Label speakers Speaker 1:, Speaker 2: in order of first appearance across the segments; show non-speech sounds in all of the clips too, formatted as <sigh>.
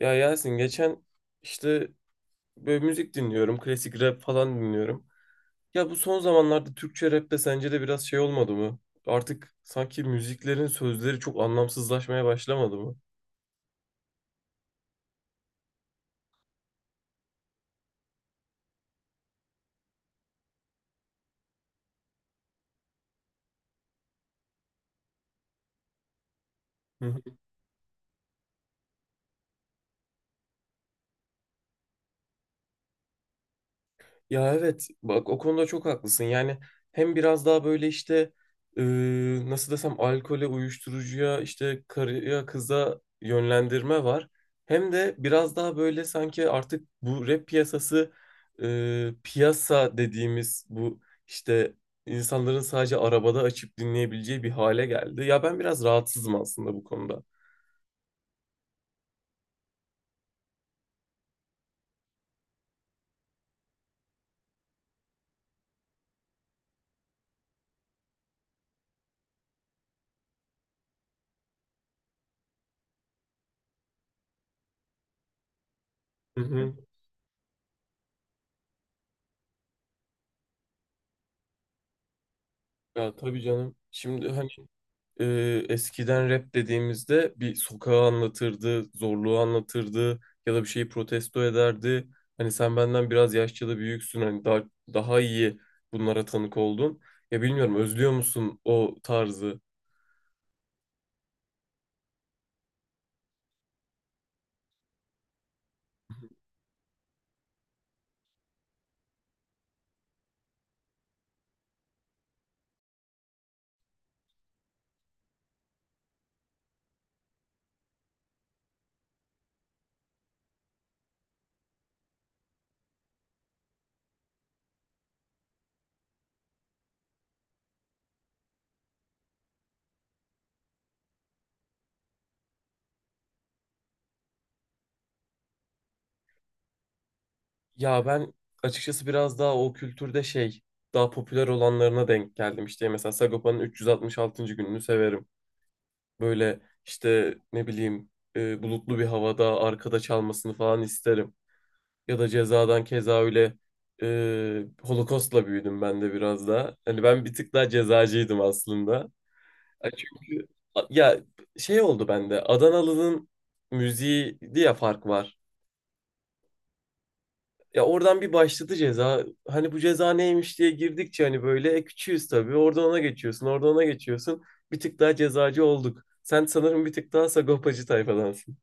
Speaker 1: Ya Yasin geçen işte böyle müzik dinliyorum. Klasik rap falan dinliyorum. Ya bu son zamanlarda Türkçe rapte sence de biraz şey olmadı mı? Artık sanki müziklerin sözleri çok anlamsızlaşmaya başlamadı mı? Hı, ya evet bak o konuda çok haklısın. Yani hem biraz daha böyle işte e, nasıl desem alkole, uyuşturucuya, işte karıya, kıza yönlendirme var. Hem de biraz daha böyle sanki artık bu rap piyasası, piyasa dediğimiz bu işte insanların sadece arabada açıp dinleyebileceği bir hale geldi. Ya ben biraz rahatsızım aslında bu konuda. Hı hı. Ya tabii canım. Şimdi hani e, eskiden rap dediğimizde bir sokağı anlatırdı, zorluğu anlatırdı ya da bir şeyi protesto ederdi. Hani sen benden biraz yaşça da büyüksün, hani daha iyi bunlara tanık oldun. Ya bilmiyorum, özlüyor musun o tarzı? Ya ben açıkçası biraz daha o kültürde şey, daha popüler olanlarına denk geldim. İşte mesela Sagopa'nın 366. gününü severim. Böyle işte ne bileyim, bulutlu bir havada arkada çalmasını falan isterim. Ya da cezadan keza öyle, Holocaust'la büyüdüm ben de biraz daha. Hani ben bir tık daha cezacıydım aslında. Ya çünkü ya şey oldu bende, Adanalı'nın müziği diye fark var. Ya oradan bir başladı ceza. Hani bu ceza neymiş diye girdikçe hani böyle, küçüğüz tabii. Oradan ona geçiyorsun, oradan ona geçiyorsun. Bir tık daha cezacı olduk. Sen sanırım bir tık daha sagopacı tayfadansın.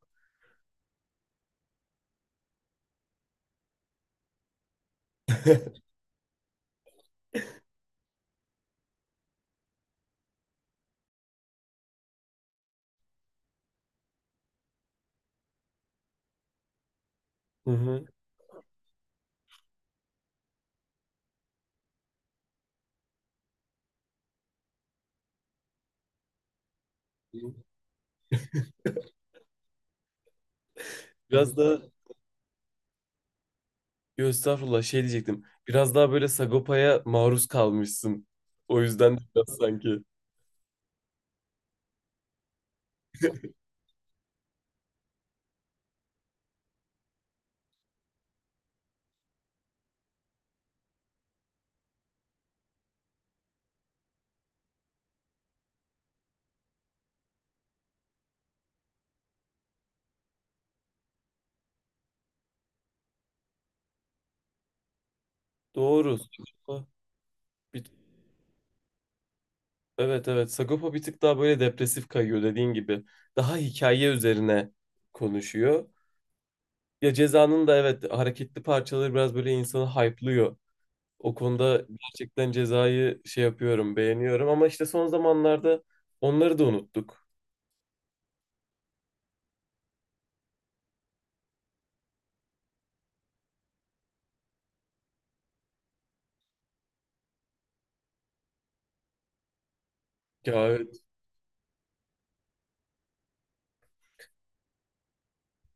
Speaker 1: Hı hı. Biraz da yo, estağfurullah, şey diyecektim. Biraz daha böyle Sagopa'ya maruz kalmışsın. O yüzden de biraz sanki. Doğru. Bir- evet evet. Sagopa bir tık daha böyle depresif kayıyor, dediğin gibi. Daha hikaye üzerine konuşuyor. Ya Ceza'nın da evet hareketli parçaları biraz böyle insanı hype'lıyor. O konuda gerçekten Ceza'yı şey yapıyorum, beğeniyorum, ama işte son zamanlarda onları da unuttuk. Ya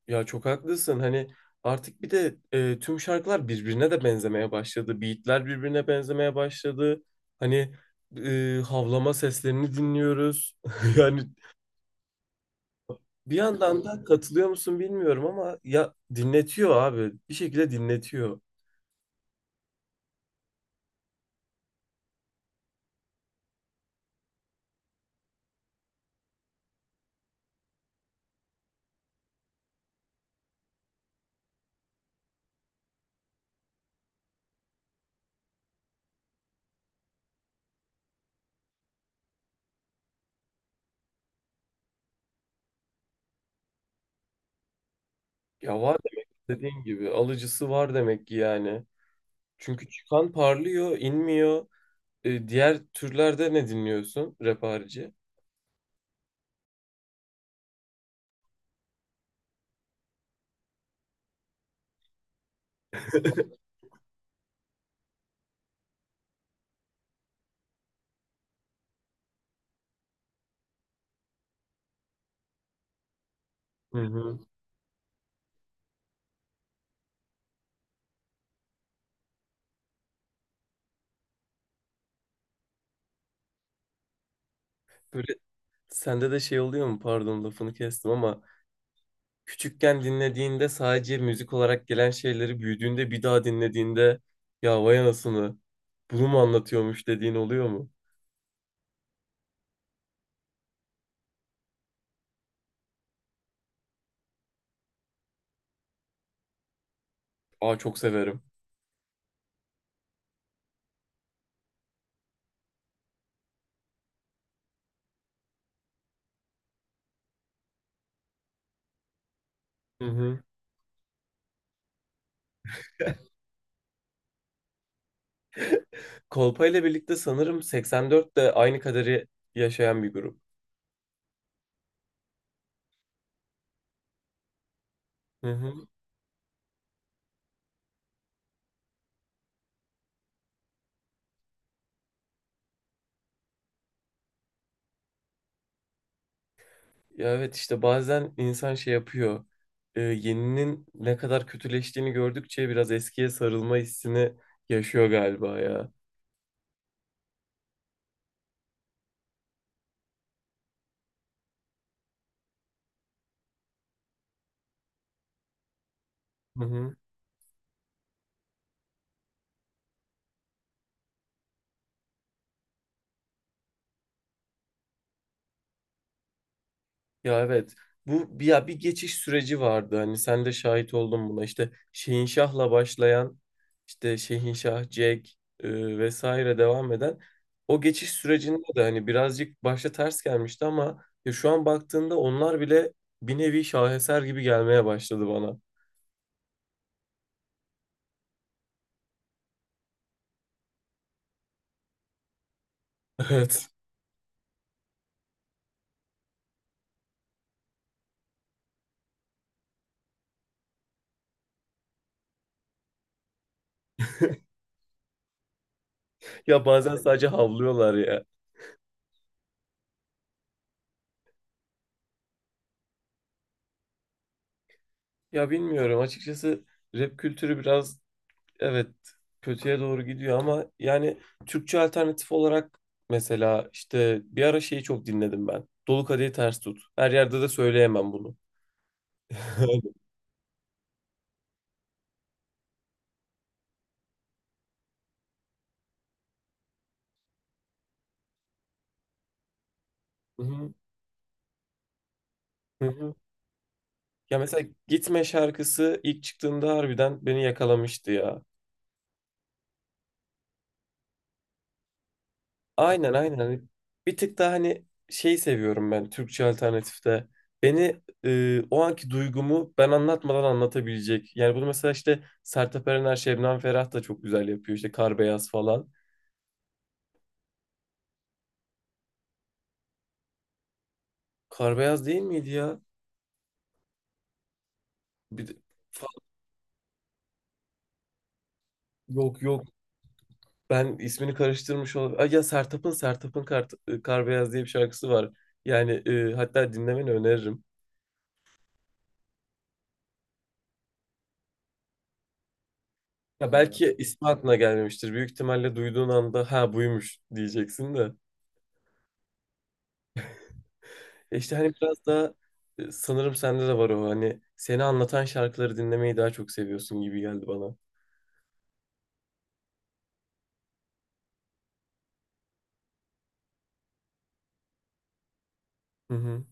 Speaker 1: Ya çok haklısın. Hani artık bir de tüm şarkılar birbirine de benzemeye başladı. Beatler birbirine benzemeye başladı. Hani havlama seslerini dinliyoruz. <laughs> Yani bir yandan da katılıyor musun bilmiyorum ama ya dinletiyor abi. Bir şekilde dinletiyor. Ya var demek ki, dediğin gibi, alıcısı var demek ki yani. Çünkü çıkan parlıyor, inmiyor. E, diğer türlerde ne dinliyorsun rap harici? <laughs> Hı hı. Böyle sende de şey oluyor mu? Pardon, lafını kestim ama küçükken dinlediğinde sadece müzik olarak gelen şeyleri büyüdüğünde bir daha dinlediğinde ya vay anasını, bunu mu anlatıyormuş dediğin oluyor mu? Aa, çok severim. Hı hı. <laughs> Kolpa ile birlikte sanırım 84'te de aynı kaderi yaşayan bir grup. Hı hı. Ya evet, işte bazen insan şey yapıyor. E, yeninin ne kadar kötüleştiğini gördükçe biraz eskiye sarılma hissini yaşıyor galiba ya. Hı hı. Ya evet. Bu bir, ya bir geçiş süreci vardı. Hani sen de şahit oldun buna. İşte Şehinşah'la başlayan, işte Şehinşah, Jack, vesaire devam eden o geçiş sürecinde de hani birazcık başta ters gelmişti ama ya şu an baktığında onlar bile bir nevi şaheser gibi gelmeye başladı bana. <laughs> Evet. Ya bazen sadece havlıyorlar ya. Ya bilmiyorum açıkçası, rap kültürü biraz evet, kötüye doğru gidiyor ama yani Türkçe alternatif olarak mesela işte bir ara şeyi çok dinledim ben. Dolu kadehi ters tut. Her yerde de söyleyemem bunu. <laughs> Hı hı, hı hı. Ya mesela Gitme şarkısı ilk çıktığında harbiden beni yakalamıştı ya. Aynen aynen. Hani bir tık daha hani şey seviyorum ben Türkçe alternatifte. Beni, o anki duygumu ben anlatmadan anlatabilecek. Yani bunu mesela işte Sertab Erener, Şebnem Ferah da çok güzel yapıyor. İşte Kar Beyaz falan. Kar beyaz değil miydi ya? Bir de- Fa- Yok yok. Ben ismini karıştırmış oldum. Ay ya Sertab'ın Kar, Kar Beyaz diye bir şarkısı var. Yani hatta dinlemeni öneririm. Ya ee, belki ismi aklına gelmemiştir. Büyük ihtimalle duyduğun anda ha buymuş diyeceksin de. E işte hani biraz daha, sanırım sende de var o, hani seni anlatan şarkıları dinlemeyi daha çok seviyorsun gibi geldi bana. Hı hı.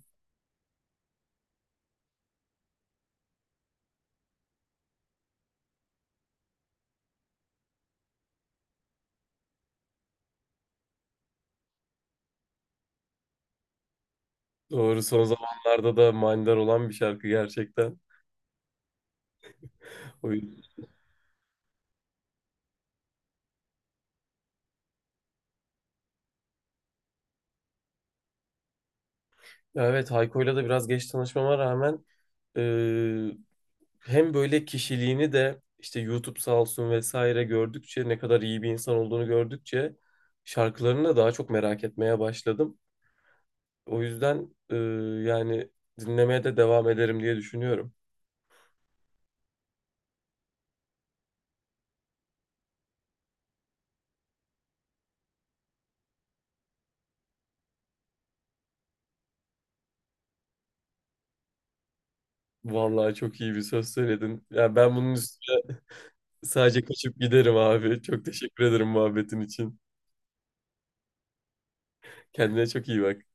Speaker 1: Doğru, son zamanlarda da manidar olan bir şarkı gerçekten. O evet, Hayko'yla da biraz geç tanışmama rağmen, e, hem böyle kişiliğini de işte YouTube sağ olsun vesaire gördükçe ne kadar iyi bir insan olduğunu gördükçe şarkılarını da daha çok merak etmeye başladım. O yüzden yani dinlemeye de devam ederim diye düşünüyorum. Vallahi çok iyi bir söz söyledin. Ya ben bunun üstüne sadece kaçıp giderim abi. Çok teşekkür ederim muhabbetin için. Kendine çok iyi bak.